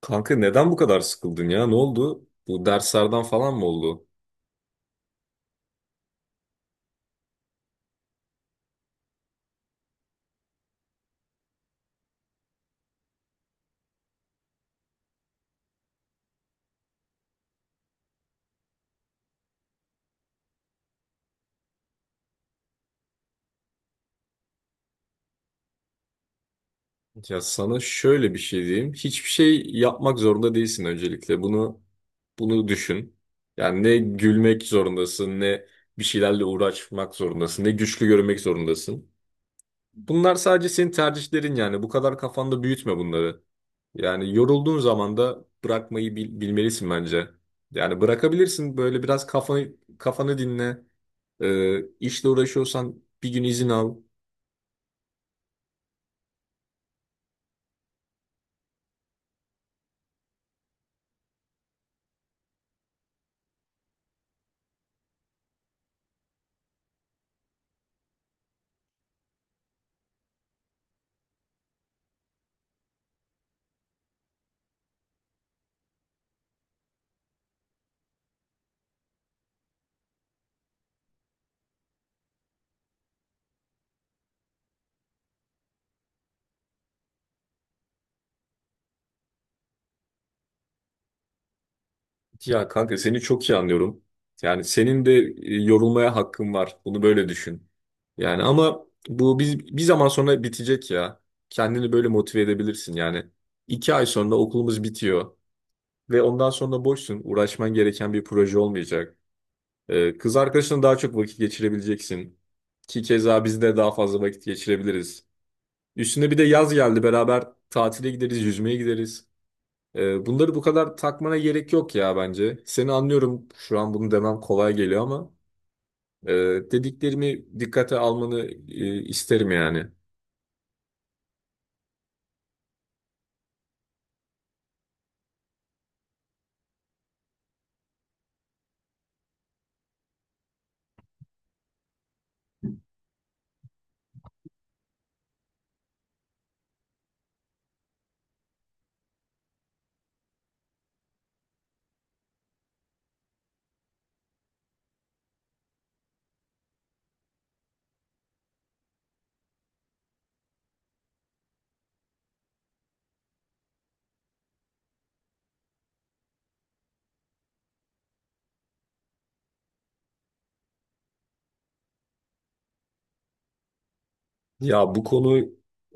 Kanka neden bu kadar sıkıldın ya? Ne oldu? Bu derslerden falan mı oldu? Ya sana şöyle bir şey diyeyim. Hiçbir şey yapmak zorunda değilsin öncelikle. Bunu düşün. Yani ne gülmek zorundasın, ne bir şeylerle uğraşmak zorundasın, ne güçlü görünmek zorundasın. Bunlar sadece senin tercihlerin yani. Bu kadar kafanda büyütme bunları. Yani yorulduğun zaman da bırakmayı bilmelisin bence. Yani bırakabilirsin böyle biraz kafanı dinle. İşle uğraşıyorsan bir gün izin al. Ya kanka seni çok iyi anlıyorum. Yani senin de yorulmaya hakkın var. Bunu böyle düşün. Yani ama bu bir zaman sonra bitecek ya. Kendini böyle motive edebilirsin yani. İki ay sonra okulumuz bitiyor. Ve ondan sonra boşsun. Uğraşman gereken bir proje olmayacak. Kız arkadaşına daha çok vakit geçirebileceksin. Ki keza biz de daha fazla vakit geçirebiliriz. Üstüne bir de yaz geldi. Beraber tatile gideriz, yüzmeye gideriz. Bunları bu kadar takmana gerek yok ya bence. Seni anlıyorum. Şu an bunu demem kolay geliyor ama e, dediklerimi dikkate almanı isterim yani. Ya bu konu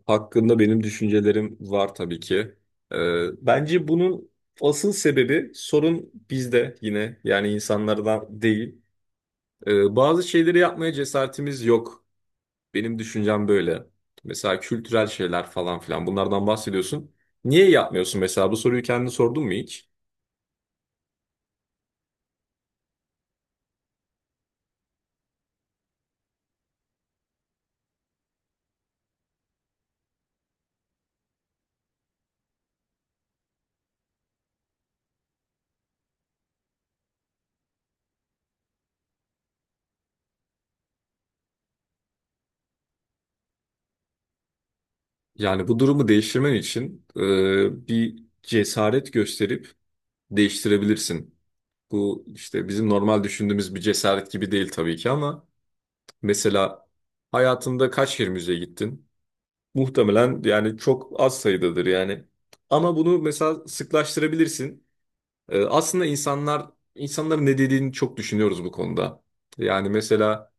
hakkında benim düşüncelerim var tabii ki. Bence bunun asıl sebebi sorun bizde yine yani insanlardan değil. Bazı şeyleri yapmaya cesaretimiz yok. Benim düşüncem böyle. Mesela kültürel şeyler falan filan bunlardan bahsediyorsun. Niye yapmıyorsun mesela? Bu soruyu kendine sordun mu hiç? Yani bu durumu değiştirmen için bir cesaret gösterip değiştirebilirsin. Bu işte bizim normal düşündüğümüz bir cesaret gibi değil tabii ki ama mesela hayatında kaç kere müzeye gittin? Muhtemelen yani çok az sayıdadır yani. Ama bunu mesela sıklaştırabilirsin. Aslında insanların ne dediğini çok düşünüyoruz bu konuda. Yani mesela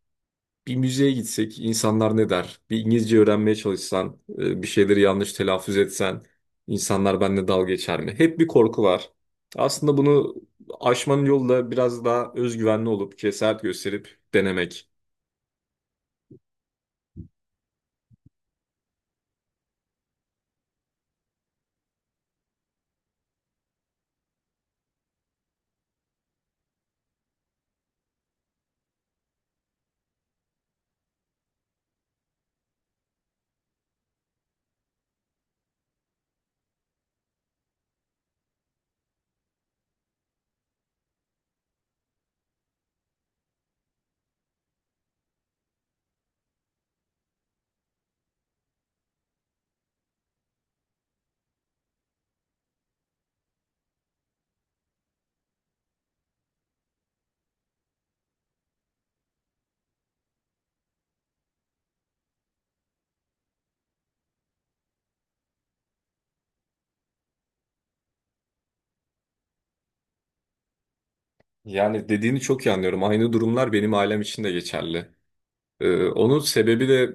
bir müzeye gitsek insanlar ne der? Bir İngilizce öğrenmeye çalışsan, bir şeyleri yanlış telaffuz etsen insanlar benimle dalga geçer mi? Hep bir korku var. Aslında bunu aşmanın yolu da biraz daha özgüvenli olup cesaret gösterip denemek. Yani dediğini çok iyi anlıyorum. Aynı durumlar benim ailem için de geçerli. Onun sebebi de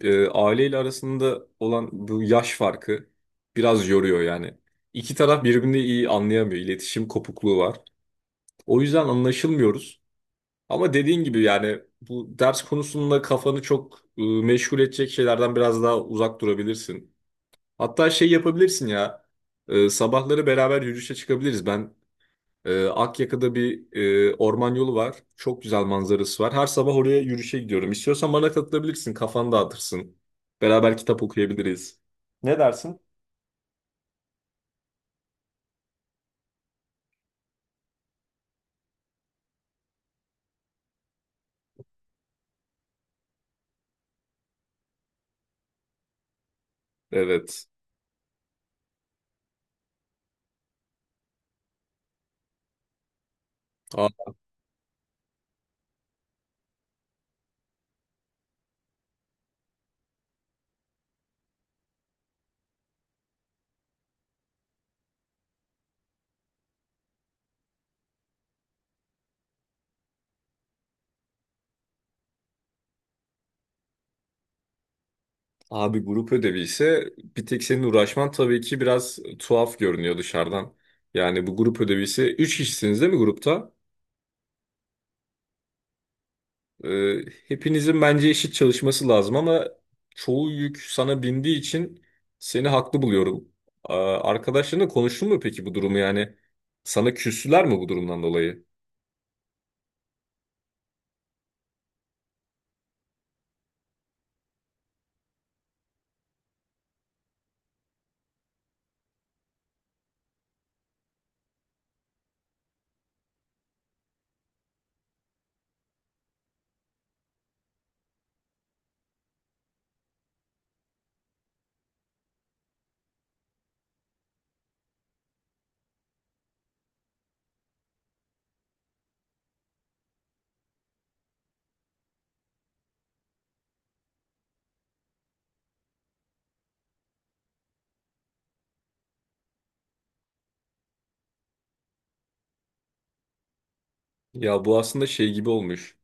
aileyle arasında olan bu yaş farkı biraz yoruyor yani. İki taraf birbirini iyi anlayamıyor. İletişim kopukluğu var. O yüzden anlaşılmıyoruz. Ama dediğin gibi yani bu ders konusunda kafanı çok meşgul edecek şeylerden biraz daha uzak durabilirsin. Hatta şey yapabilirsin ya. Sabahları beraber yürüyüşe çıkabiliriz. Ben Akyaka'da bir orman yolu var. Çok güzel manzarası var. Her sabah oraya yürüyüşe gidiyorum. İstiyorsan bana katılabilirsin. Kafanı dağıtırsın. Beraber kitap okuyabiliriz. Ne dersin? Evet. Abi grup ödevi ise bir tek senin uğraşman tabii ki biraz tuhaf görünüyor dışarıdan. Yani bu grup ödevi ise 3 kişisiniz değil mi grupta? Ee, Hepinizin bence eşit çalışması lazım ama çoğu yük sana bindiği için seni haklı buluyorum. Arkadaşlarınla konuştun mu peki bu durumu yani? Sana küstüler mi bu durumdan dolayı? Ya bu aslında şey gibi olmuş.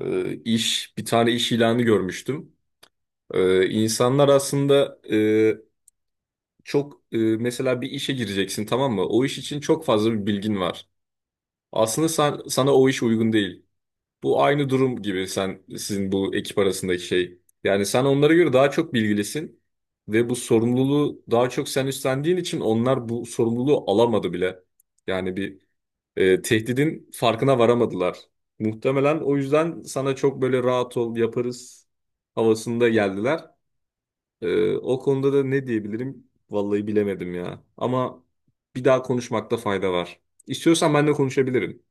Bir tane iş ilanı görmüştüm. İnsanlar aslında çok mesela bir işe gireceksin tamam mı? O iş için çok fazla bir bilgin var. Aslında sana o iş uygun değil. Bu aynı durum gibi sen sizin bu ekip arasındaki şey. Yani sen onlara göre daha çok bilgilisin ve bu sorumluluğu daha çok sen üstlendiğin için onlar bu sorumluluğu alamadı bile. Yani tehdidin farkına varamadılar. Muhtemelen o yüzden sana çok böyle rahat ol yaparız havasında geldiler. O konuda da ne diyebilirim? Vallahi bilemedim ya. Ama bir daha konuşmakta fayda var. İstiyorsan ben de konuşabilirim.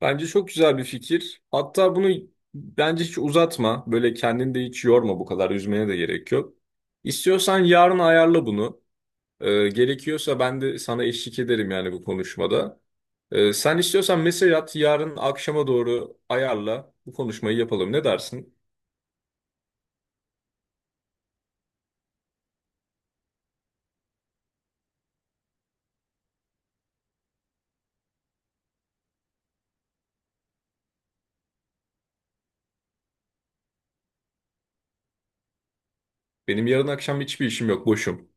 Bence çok güzel bir fikir. Hatta bunu bence hiç uzatma. Böyle kendini de hiç yorma bu kadar. Üzmene de gerek yok. İstiyorsan yarın ayarla bunu. Gerekiyorsa ben de sana eşlik ederim yani bu konuşmada. Sen istiyorsan mesaj at. Yarın akşama doğru ayarla. Bu konuşmayı yapalım. Ne dersin? Benim yarın akşam hiçbir işim yok. Boşum.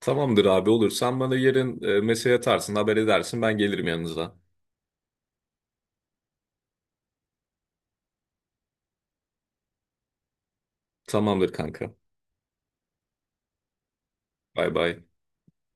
Tamamdır abi olur. Sen bana yarın mesaj atarsın, haber edersin. Ben gelirim yanınıza. Tamamdır kanka. Bay bay.